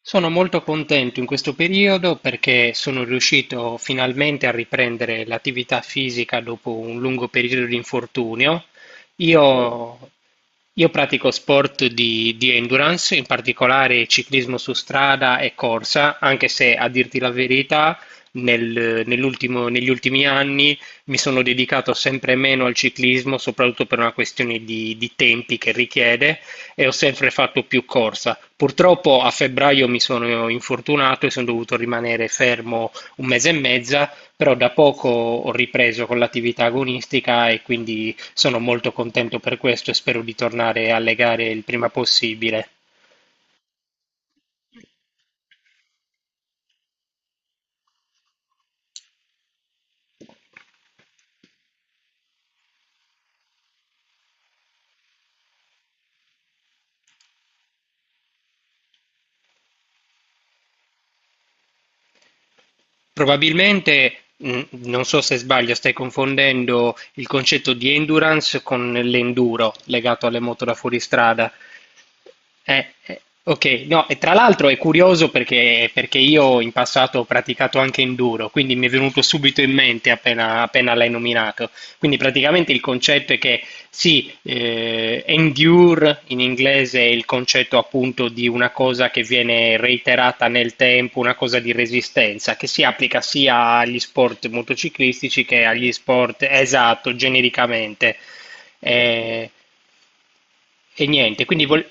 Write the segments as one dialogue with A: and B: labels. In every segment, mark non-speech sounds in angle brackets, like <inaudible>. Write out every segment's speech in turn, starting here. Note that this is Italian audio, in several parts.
A: Sono molto contento in questo periodo perché sono riuscito finalmente a riprendere l'attività fisica dopo un lungo periodo di infortunio. Io, io pratico sport di endurance, in particolare ciclismo su strada e corsa, anche se a dirti la verità, negli ultimi anni mi sono dedicato sempre meno al ciclismo, soprattutto per una questione di tempi che richiede e ho sempre fatto più corsa. Purtroppo a febbraio mi sono infortunato e sono dovuto rimanere fermo un mese e mezza, però da poco ho ripreso con l'attività agonistica e quindi sono molto contento per questo e spero di tornare alle gare il prima possibile. Probabilmente, non so se sbaglio, stai confondendo il concetto di endurance con l'enduro legato alle moto da fuoristrada. Ok, no, e tra l'altro è curioso perché io in passato ho praticato anche enduro, quindi mi è venuto subito in mente appena l'hai nominato. Quindi praticamente il concetto è che sì, endure in inglese è il concetto appunto di una cosa che viene reiterata nel tempo, una cosa di resistenza, che si applica sia agli sport motociclistici che agli sport, esatto, genericamente. Eh, e niente, quindi.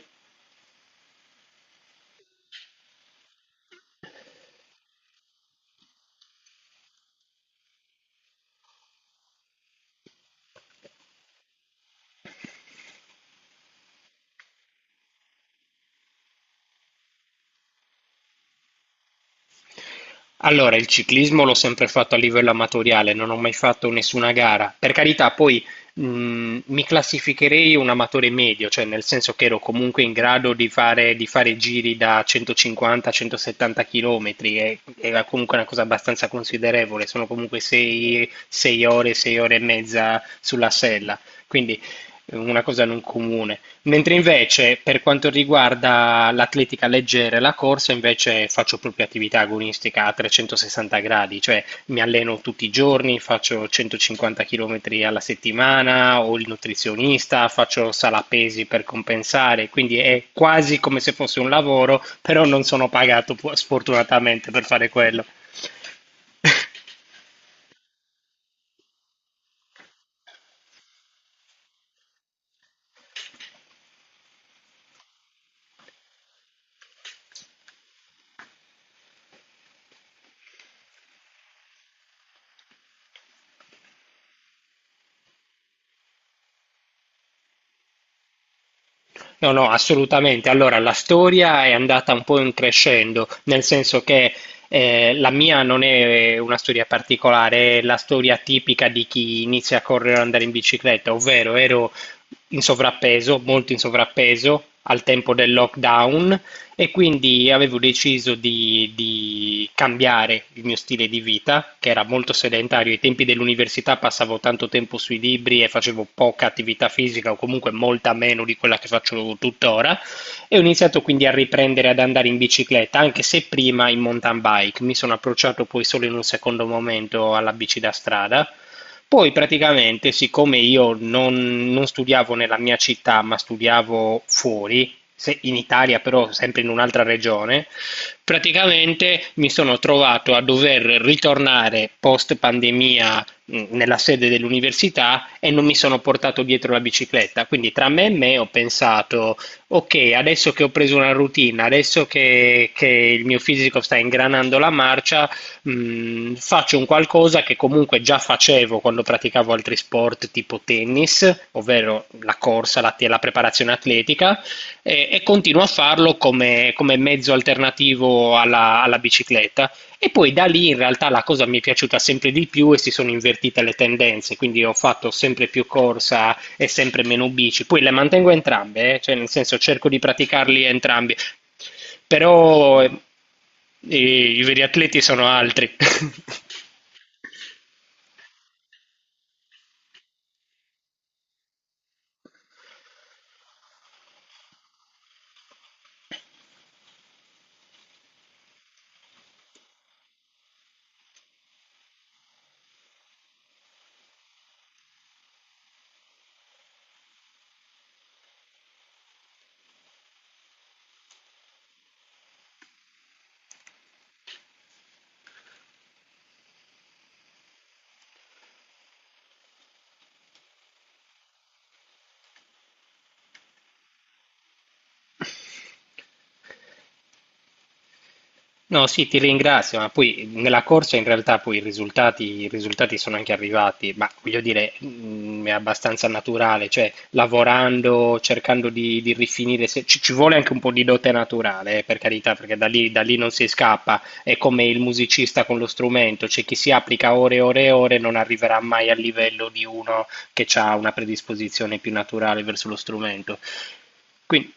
A: Allora, il ciclismo l'ho sempre fatto a livello amatoriale, non ho mai fatto nessuna gara. Per carità, poi mi classificherei un amatore medio, cioè nel senso che ero comunque in grado di fare giri da 150-170 km, e, era comunque una cosa abbastanza considerevole, sono comunque 6, ore, 6 ore e mezza sulla sella, quindi una cosa non comune. Mentre invece per quanto riguarda l'atletica leggera e la corsa, invece faccio proprio attività agonistica a 360 gradi, cioè mi alleno tutti i giorni, faccio 150 km alla settimana, ho il nutrizionista, faccio sala pesi per compensare, quindi è quasi come se fosse un lavoro, però non sono pagato sfortunatamente per fare quello. No, no, assolutamente. Allora, la storia è andata un po' in crescendo, nel senso che la mia non è una storia particolare, è la storia tipica di chi inizia a correre o andare in bicicletta, ovvero ero in sovrappeso, molto in sovrappeso al tempo del lockdown e quindi avevo deciso di cambiare il mio stile di vita, che era molto sedentario. Ai tempi dell'università passavo tanto tempo sui libri e facevo poca attività fisica, o comunque molta meno di quella che faccio tuttora. E ho iniziato quindi a riprendere ad andare in bicicletta, anche se prima in mountain bike. Mi sono approcciato poi solo in un secondo momento alla bici da strada. Poi praticamente, siccome io non studiavo nella mia città, ma studiavo fuori, in Italia, però sempre in un'altra regione, praticamente mi sono trovato a dover ritornare post pandemia nella sede dell'università e non mi sono portato dietro la bicicletta. Quindi tra me e me ho pensato, ok, adesso che ho preso una routine, adesso che il mio fisico sta ingranando la marcia, faccio un qualcosa che comunque già facevo quando praticavo altri sport tipo tennis, ovvero la corsa, la preparazione atletica e continuo a farlo come mezzo alternativo alla bicicletta. E poi da lì in realtà la cosa mi è piaciuta sempre di più e si sono invertite le tendenze, quindi ho fatto sempre più corsa e sempre meno bici. Poi le mantengo entrambe, cioè nel senso cerco di praticarli entrambi, però i veri atleti sono altri. <laughs> No, sì, ti ringrazio, ma poi nella corsa in realtà poi i risultati sono anche arrivati, ma voglio dire, è abbastanza naturale, cioè lavorando, cercando di rifinire, ci vuole anche un po' di dote naturale, per carità, perché da lì non si scappa, è come il musicista con lo strumento, cioè chi si applica ore e ore e ore non arriverà mai al livello di uno che ha una predisposizione più naturale verso lo strumento. Quindi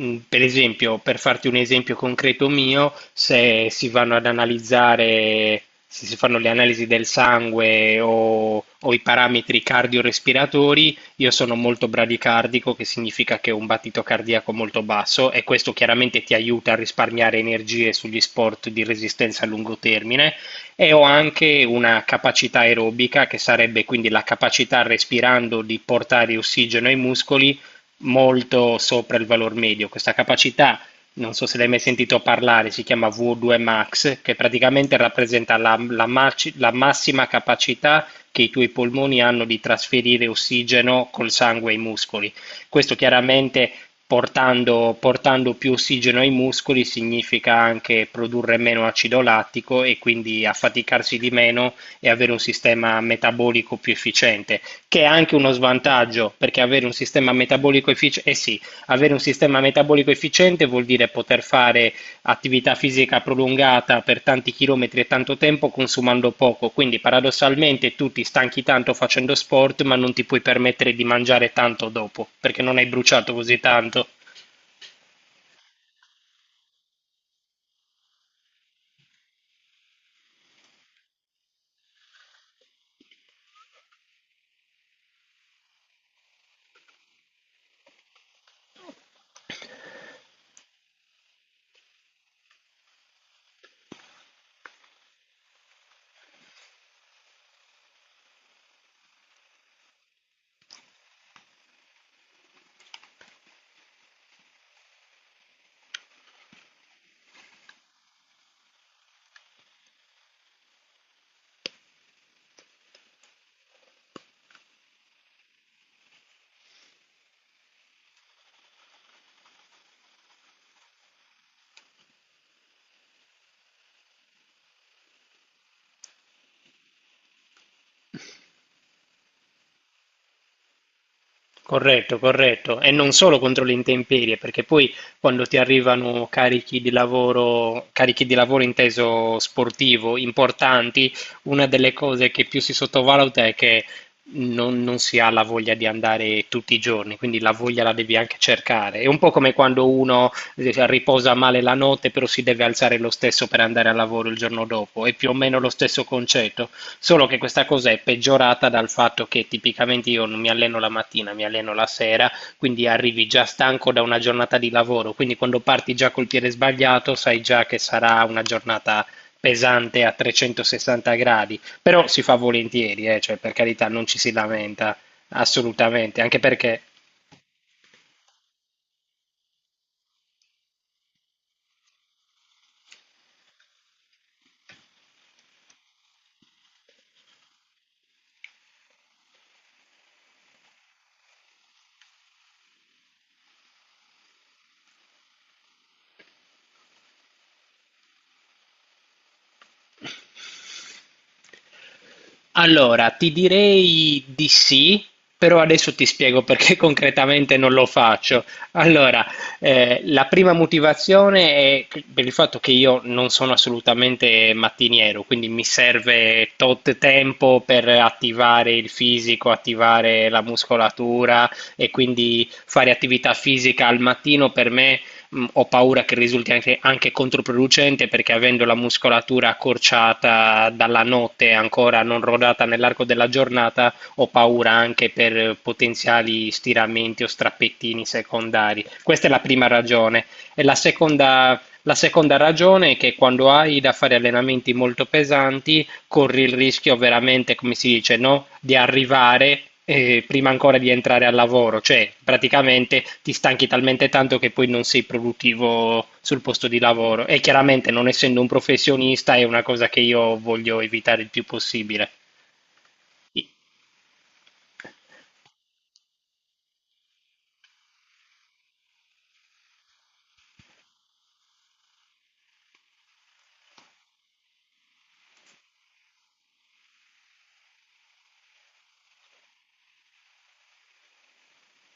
A: Mm, Per esempio, per farti un esempio concreto mio, se si vanno ad analizzare, se si fanno le analisi del sangue o i parametri cardiorespiratori, io sono molto bradicardico, che significa che ho un battito cardiaco molto basso e questo chiaramente ti aiuta a risparmiare energie sugli sport di resistenza a lungo termine e ho anche una capacità aerobica, che sarebbe quindi la capacità respirando di portare ossigeno ai muscoli molto sopra il valor medio. Questa capacità, non so se l'hai mai sentito parlare, si chiama V2 max, che praticamente rappresenta la, la la massima capacità che i tuoi polmoni hanno di trasferire ossigeno col sangue ai muscoli. Questo chiaramente portando più ossigeno ai muscoli significa anche produrre meno acido lattico e quindi affaticarsi di meno e avere un sistema metabolico più efficiente che è anche uno svantaggio, perché avere un sistema metabolico efficiente, eh sì, avere un sistema metabolico efficiente vuol dire poter fare attività fisica prolungata per tanti chilometri e tanto tempo consumando poco, quindi paradossalmente tu ti stanchi tanto facendo sport, ma non ti puoi permettere di mangiare tanto dopo, perché non hai bruciato così tanto. Corretto, corretto. E non solo contro le intemperie, perché poi quando ti arrivano carichi di lavoro inteso sportivo, importanti, una delle cose che più si sottovaluta è che non si ha la voglia di andare tutti i giorni, quindi la voglia la devi anche cercare. È un po' come quando uno riposa male la notte, però si deve alzare lo stesso per andare al lavoro il giorno dopo, è più o meno lo stesso concetto. Solo che questa cosa è peggiorata dal fatto che tipicamente io non mi alleno la mattina, mi alleno la sera, quindi arrivi già stanco da una giornata di lavoro, quindi quando parti già col piede sbagliato sai già che sarà una giornata pesante a 360 gradi, però si fa volentieri, cioè per carità non ci si lamenta assolutamente, anche perché Allora, ti direi di sì, però adesso ti spiego perché <laughs> concretamente non lo faccio. Allora, la prima motivazione è per il fatto che io non sono assolutamente mattiniero, quindi mi serve tot tempo per attivare il fisico, attivare la muscolatura e quindi fare attività fisica al mattino per me ho paura che risulti anche, anche controproducente perché avendo la muscolatura accorciata dalla notte ancora non rodata nell'arco della giornata, ho paura anche per potenziali stiramenti o strappettini secondari. Questa è la prima ragione. E la seconda ragione è che quando hai da fare allenamenti molto pesanti, corri il rischio veramente, come si dice, no? Di arrivare prima ancora di entrare al lavoro, cioè praticamente ti stanchi talmente tanto che poi non sei produttivo sul posto di lavoro. E chiaramente, non essendo un professionista, è una cosa che io voglio evitare il più possibile. I-